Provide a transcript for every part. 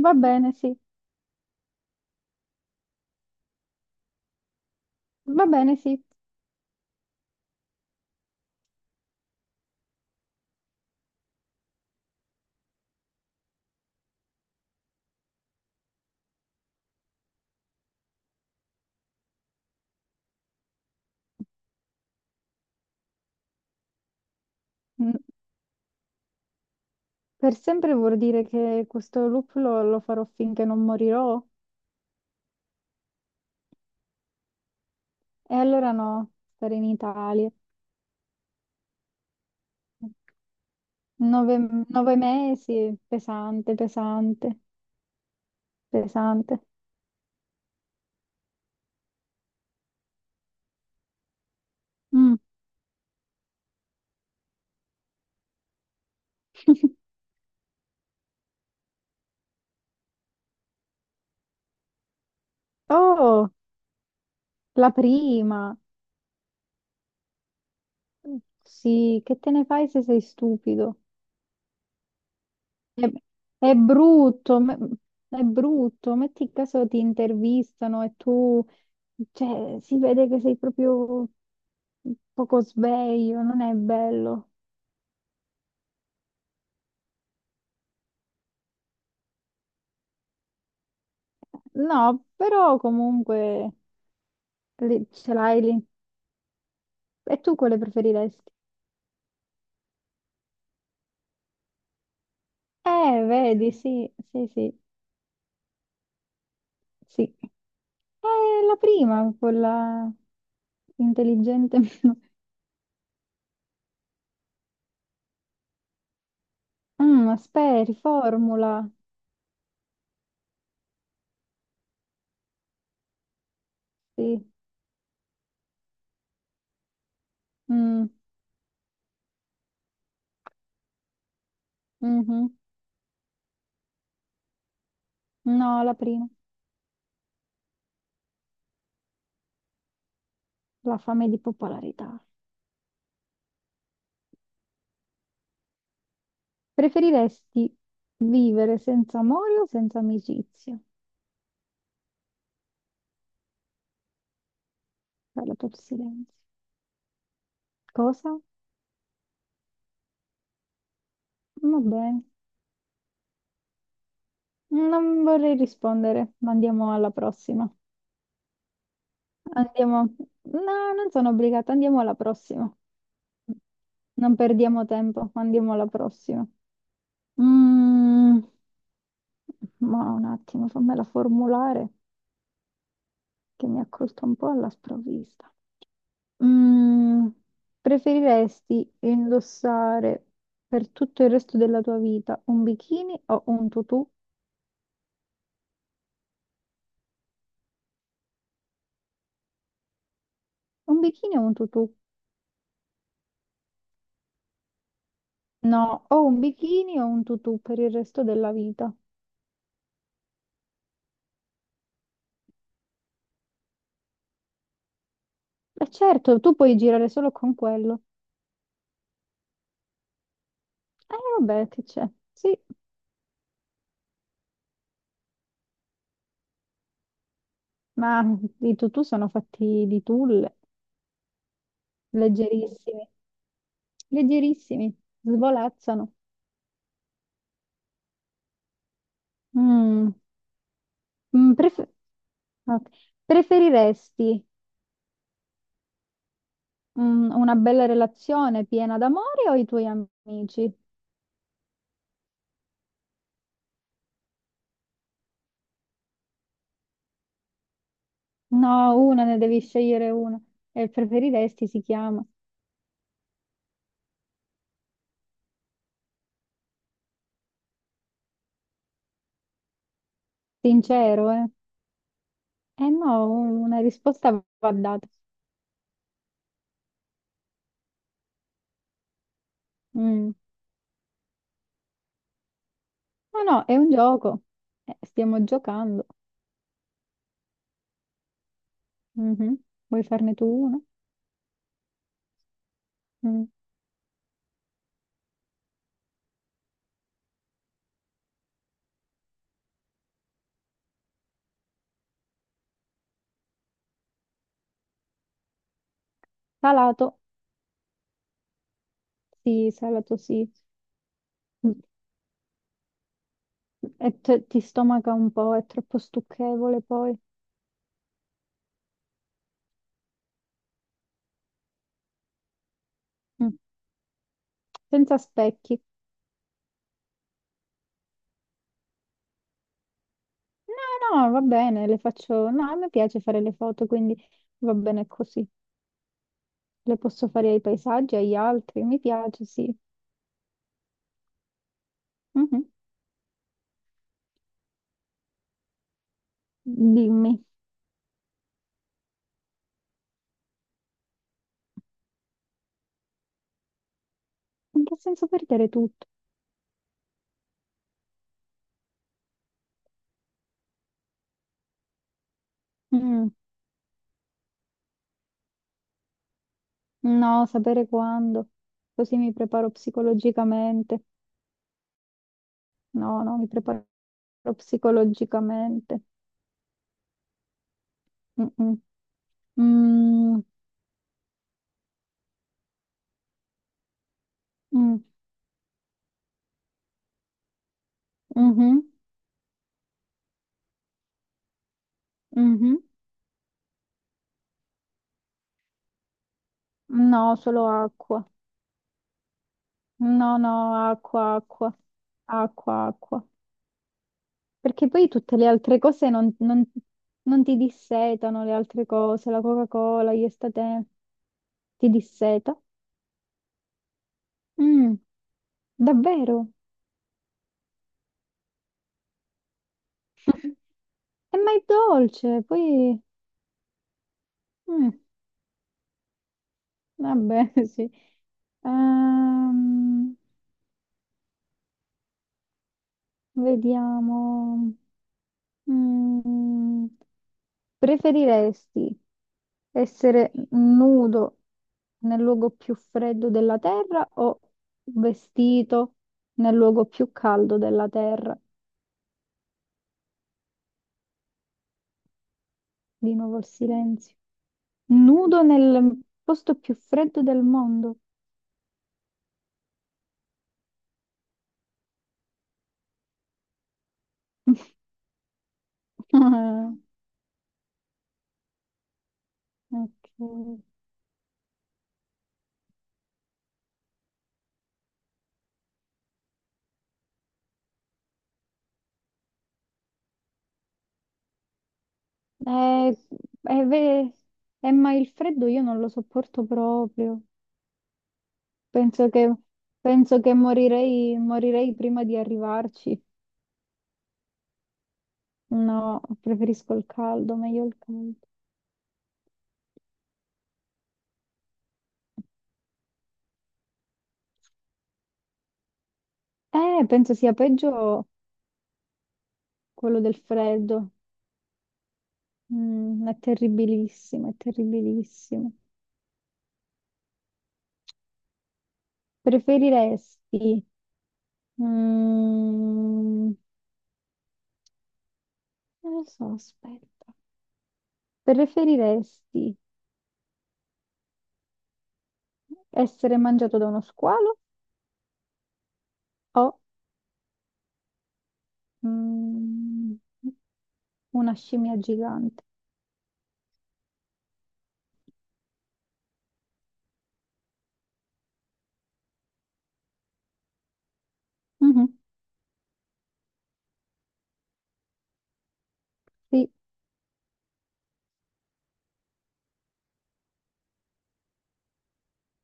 Va bene, sì, va bene, sì. Mm, Per sempre vuol dire che questo loop lo farò finché non morirò? E allora no, stare in Italia. Nove, nove mesi, pesante, pesante, pesante. Mm. Oh, la prima. Sì, che te ne fai se sei stupido? È, è brutto, è brutto. Metti caso ti intervistano e tu, cioè, si vede che sei proprio poco sveglio, non è bello. No, però comunque ce l'hai lì. E tu quale preferiresti? Vedi, sì, sì, sì, sì. La prima, quella intelligente. Aspetta, riformula. Sì. Mm, mhm. No, la prima, la fame di popolarità. Preferiresti vivere senza amore o senza amicizia? Bello tutto silenzio. Cosa? Va bene. Non vorrei rispondere, ma andiamo alla prossima. Andiamo. No, non sono obbligata, andiamo alla prossima. Non perdiamo tempo, andiamo alla prossima. Mm, ma un attimo, fammela formulare, che mi ha colto un po' alla sprovvista. Mm, preferiresti indossare per tutto il resto della tua vita un bikini o un tutù? Un bikini o un tutù? No, o un bikini o un tutù per il resto della vita. E certo, tu puoi girare solo con quello. Vabbè, che c'è? Sì, ma i tutù sono fatti di tulle, leggerissimi, leggerissimi, svolazzano. Mm, mm, pref- ok. Preferiresti una bella relazione piena d'amore o i tuoi amici? No, una ne devi scegliere una. E preferiresti si chiama. Sincero, eh? Eh no, una risposta va data. Mm. No, no, è un gioco. Stiamo giocando. Mhm. Vuoi farne tu una? Mm. Salato? Sì, salato sì. Mm. E ti stomaca un po', è troppo stucchevole poi. Mm. Senza specchi. No, no, va bene, le faccio... No, a me piace fare le foto, quindi va bene così. Le posso fare ai paesaggi, agli altri, mi piace, sì. Mhm. Dimmi, in che senso perdere tutto? Mm, No, sapere quando, così mi preparo psicologicamente. No, no, mi preparo psicologicamente. Mm-mm. Mm, mm, mhm, mhm. No, solo acqua. No, no, acqua, acqua, acqua, acqua. Perché poi tutte le altre cose non ti dissetano, le altre cose, la Coca-Cola, gli estate, ti disseta. Mm, davvero? E ma è dolce, poi... mm, vabbè, sì. Ehm, vediamo. Mm, preferiresti essere nudo nel luogo più freddo della terra o vestito nel luogo più caldo della terra? Di nuovo il silenzio. Nudo nel posto più freddo del mondo. Ah, ok. Eh, eh, ve- ma il freddo io non lo sopporto proprio. Penso che, penso che morirei, morirei prima di arrivarci. No, preferisco il caldo, meglio il caldo. Penso sia peggio quello del freddo. Mm, è terribilissimo, è terribilissimo. Preferiresti, mm, non lo so, aspetta. Preferiresti essere mangiato da uno squalo o, mm, una scimmia gigante? Mhm, sì.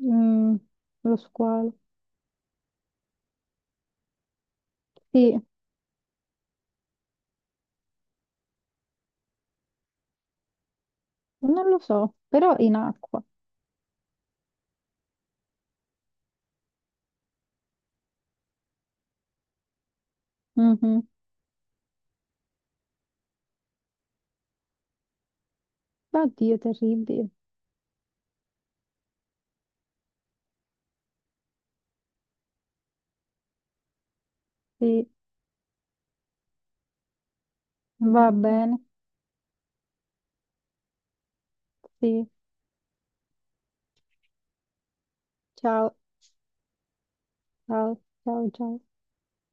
Mm, lo squalo. Sì, non lo so, però in acqua. Mhm. Oddio, terribile. Sì, va bene. Sì, ciao, ciao, ciao, ciao.